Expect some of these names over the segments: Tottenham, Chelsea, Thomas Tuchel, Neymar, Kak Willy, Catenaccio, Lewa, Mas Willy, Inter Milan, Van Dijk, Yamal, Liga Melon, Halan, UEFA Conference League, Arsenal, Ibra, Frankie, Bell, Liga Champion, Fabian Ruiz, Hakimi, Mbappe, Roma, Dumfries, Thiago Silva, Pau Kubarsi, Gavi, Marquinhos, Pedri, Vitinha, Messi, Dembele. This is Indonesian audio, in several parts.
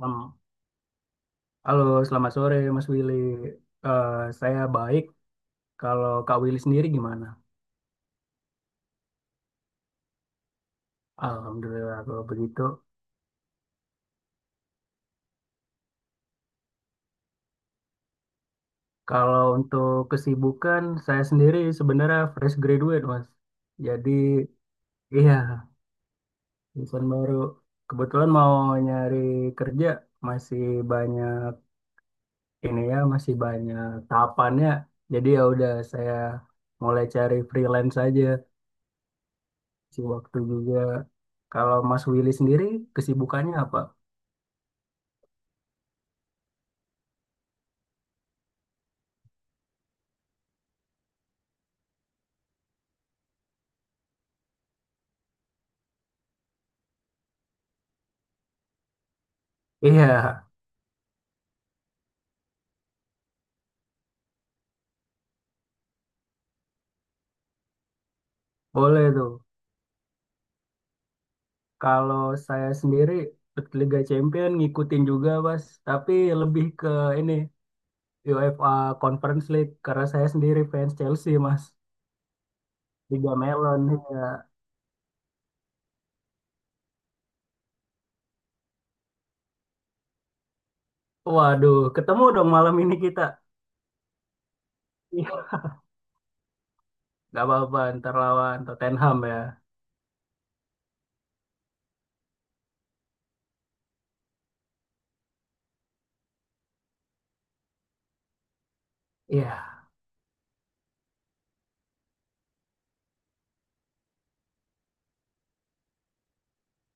Em, Halo, selamat sore Mas Willy. Eh, saya baik. Kalau Kak Willy sendiri gimana? Alhamdulillah kalau begitu. Kalau untuk kesibukan, saya sendiri sebenarnya fresh graduate, Mas. Jadi, iya, lulusan baru. Kebetulan mau nyari kerja, masih banyak ini ya, masih banyak tahapannya. Jadi ya udah saya mulai cari freelance aja, si waktu juga. Kalau Mas Willy sendiri, kesibukannya apa? Iya, boleh tuh. Kalau saya sendiri Liga Champion ngikutin juga, Mas. Tapi lebih ke ini UEFA Conference League karena saya sendiri fans Chelsea, Mas. Liga Melon, ya. Waduh, ketemu dong malam ini kita. Iya, nggak apa-apa ntar lawan Tottenham ya. Iya,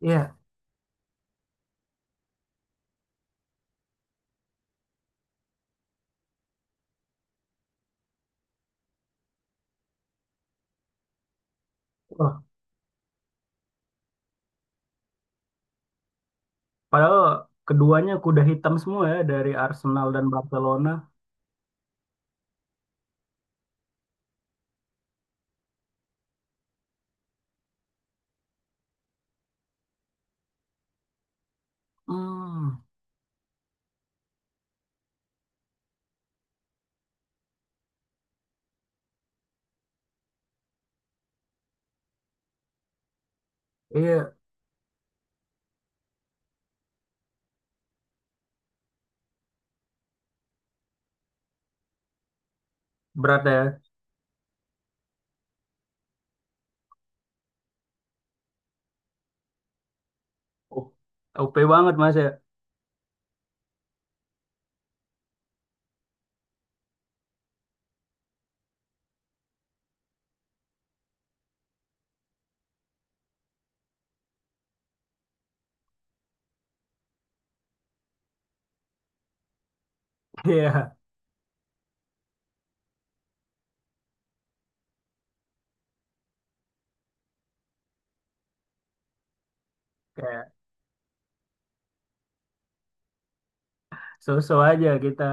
iya. Wah, padahal keduanya kuda hitam semua ya dari Arsenal dan Barcelona. Hmm, iya berat ya. O- OP banget, Mas ya. Iya. Kayak so-so aja kita.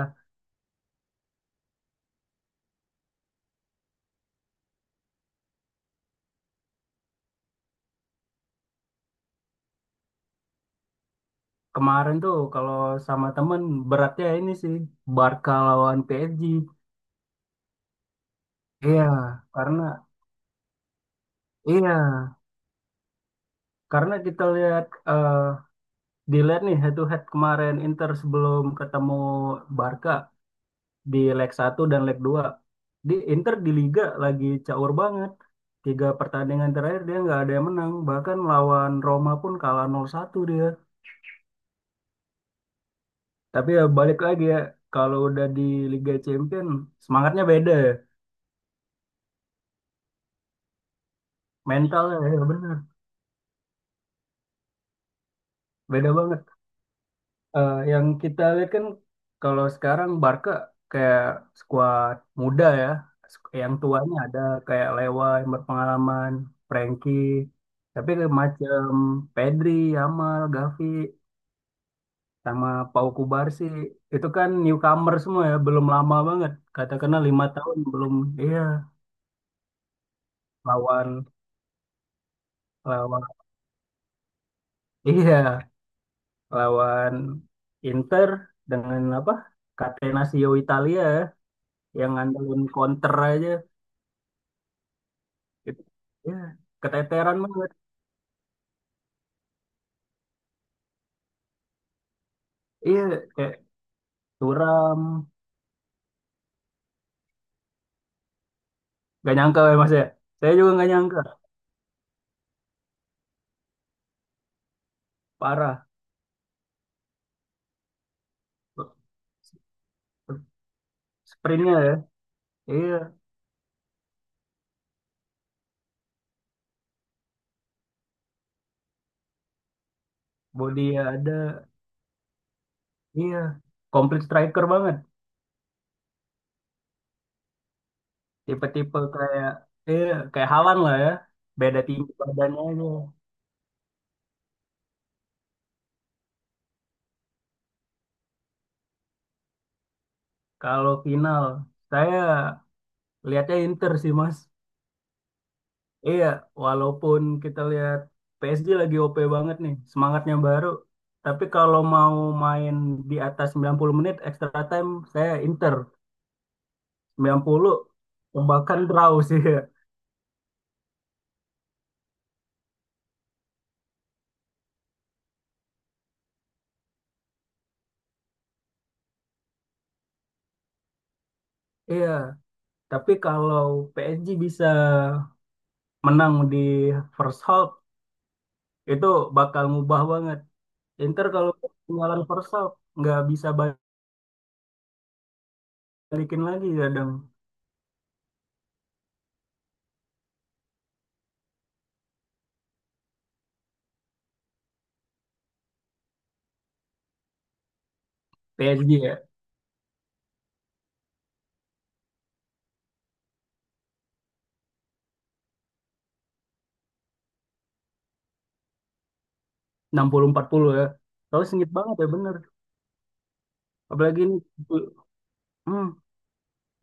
Kemarin tuh kalau sama temen beratnya ini sih Barca lawan PSG. Iya, karena iya, karena kita lihat dilihat nih head to head kemarin Inter sebelum ketemu Barca di leg satu dan leg dua. Di Inter di Liga lagi caur banget. Tiga pertandingan terakhir dia nggak ada yang menang, bahkan lawan Roma pun kalah 0-1 dia. Tapi ya balik lagi ya, kalau udah di Liga Champion semangatnya beda ya. Mental ya, ya benar, beda banget. Yang kita lihat kan kalau sekarang Barca kayak skuad muda ya. Yang tuanya ada kayak Lewa yang berpengalaman, Frankie, tapi kayak macam Pedri, Yamal, Gavi, sama Pau Kubarsi itu kan newcomer semua ya, belum lama banget, katakanlah 5 tahun belum. Iya, lawan lawan iya lawan Inter dengan apa, Catenaccio Italia ya. Yang ngandelin counter aja gitu. Ya keteteran banget. Iya kayak suram. Gak nyangka ya mas ya, saya juga gak nyangka. Parah. Sprintnya ya. Iya, body ya ada. Iya, komplit striker banget. Tipe-tipe kayak, iya kayak Halan lah ya, beda tinggi badannya aja. Kalau final, saya lihatnya Inter sih mas. Iya, walaupun kita lihat PSG lagi OP banget nih, semangatnya baru. Tapi kalau mau main di atas 90 menit extra time, saya Inter. 90 tembakan draw sih. Iya, tapi kalau PSG bisa menang di first half itu bakal ngubah banget. Inter kalau ketinggalan first half nggak bisa balikin lagi kadang. PSG ya 60-40 ya. Kalau sengit banget ya bener. Apalagi ini, hmm,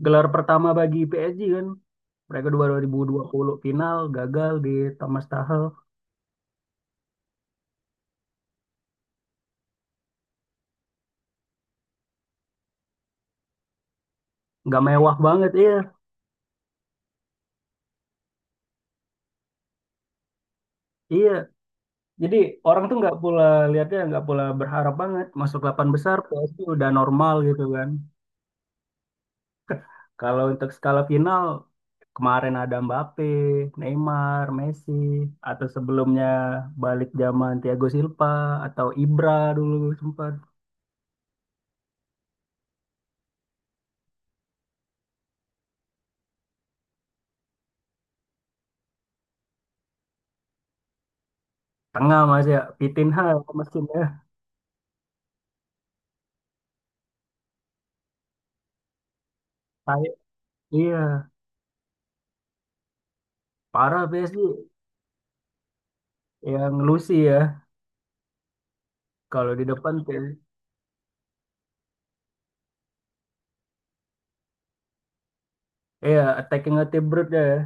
gelar pertama bagi PSG kan. Mereka dua 2020 final gagal di Thomas Tuchel. Nggak mewah banget, iya. Iya. Jadi orang tuh nggak pula lihatnya, nggak pula berharap banget masuk delapan besar, PSG udah normal gitu kan. Kalau untuk skala final kemarin ada Mbappe, Neymar, Messi atau sebelumnya balik zaman Thiago Silva atau Ibra dulu sempat. Tengah Mas ya, Vitinha mesin ya. Saya- Iya, parah PSG. Yang Lucy ya, kalau di depan tuh iya attacking vertebrate ya.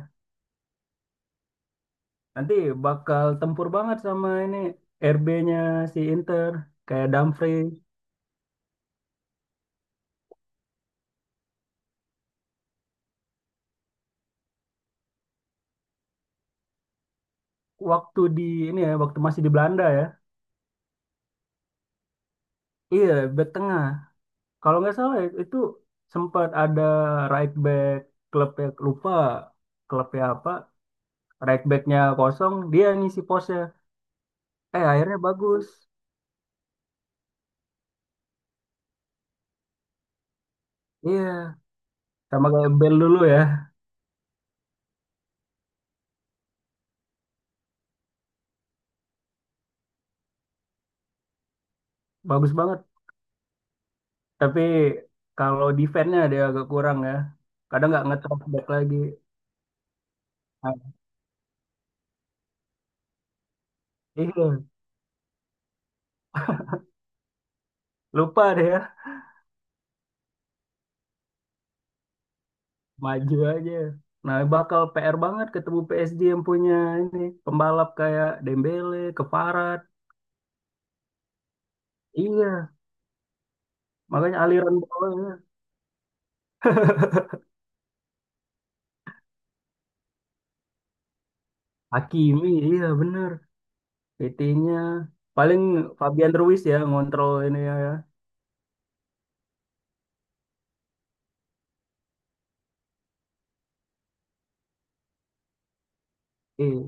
Nanti bakal tempur banget sama ini RB-nya si Inter kayak Dumfries. waktu di Waktu masih di Belanda ya. Iya back tengah kalau nggak salah ya, itu sempat ada right back klub, lupa klubnya apa, right backnya kosong dia ngisi posnya, eh akhirnya bagus. Iya sama kayak Bell dulu ya. Bagus banget. Tapi kalau defense-nya dia agak kurang ya. Kadang nggak nge-track back lagi. Nah, iya, lupa deh ya. Maju aja. Nah, bakal PR banget ketemu PSG yang punya ini pembalap kayak Dembele, Keparat. Iya, makanya aliran bolanya Hakimi, iya bener. PT-nya paling Fabian Ruiz ya ngontrol ini ya. Ya. Iya,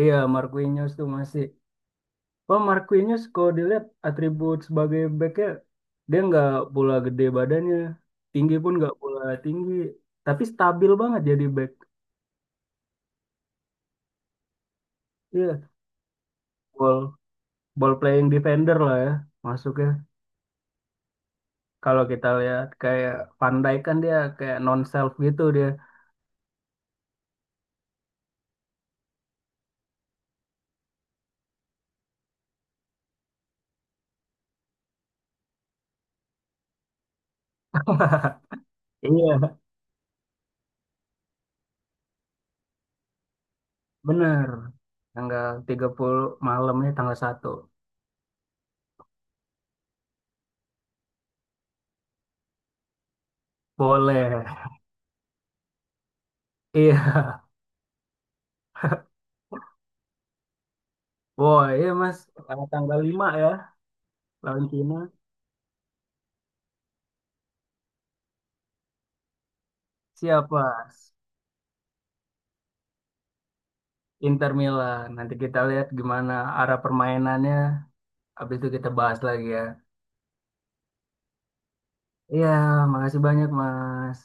iya Marquinhos tuh masih. Oh, Marquinhos kalau dilihat atribut sebagai backnya, dia nggak pula gede badannya, tinggi pun nggak pula tinggi, tapi stabil banget jadi back. Iya, ball, ball playing defender lah ya masuknya. Kalau kita lihat kayak Van Dijk kan dia kayak non self gitu dia. Iya, bener. Tanggal 30, malamnya tanggal 1. Boleh. Iya, boy. Iya, Mas. Tanggal tanggal 5 ya lawan Cina. Siapa? Inter Milan. Nanti kita lihat gimana arah permainannya. Habis itu kita bahas lagi ya. Iya, makasih banyak, Mas.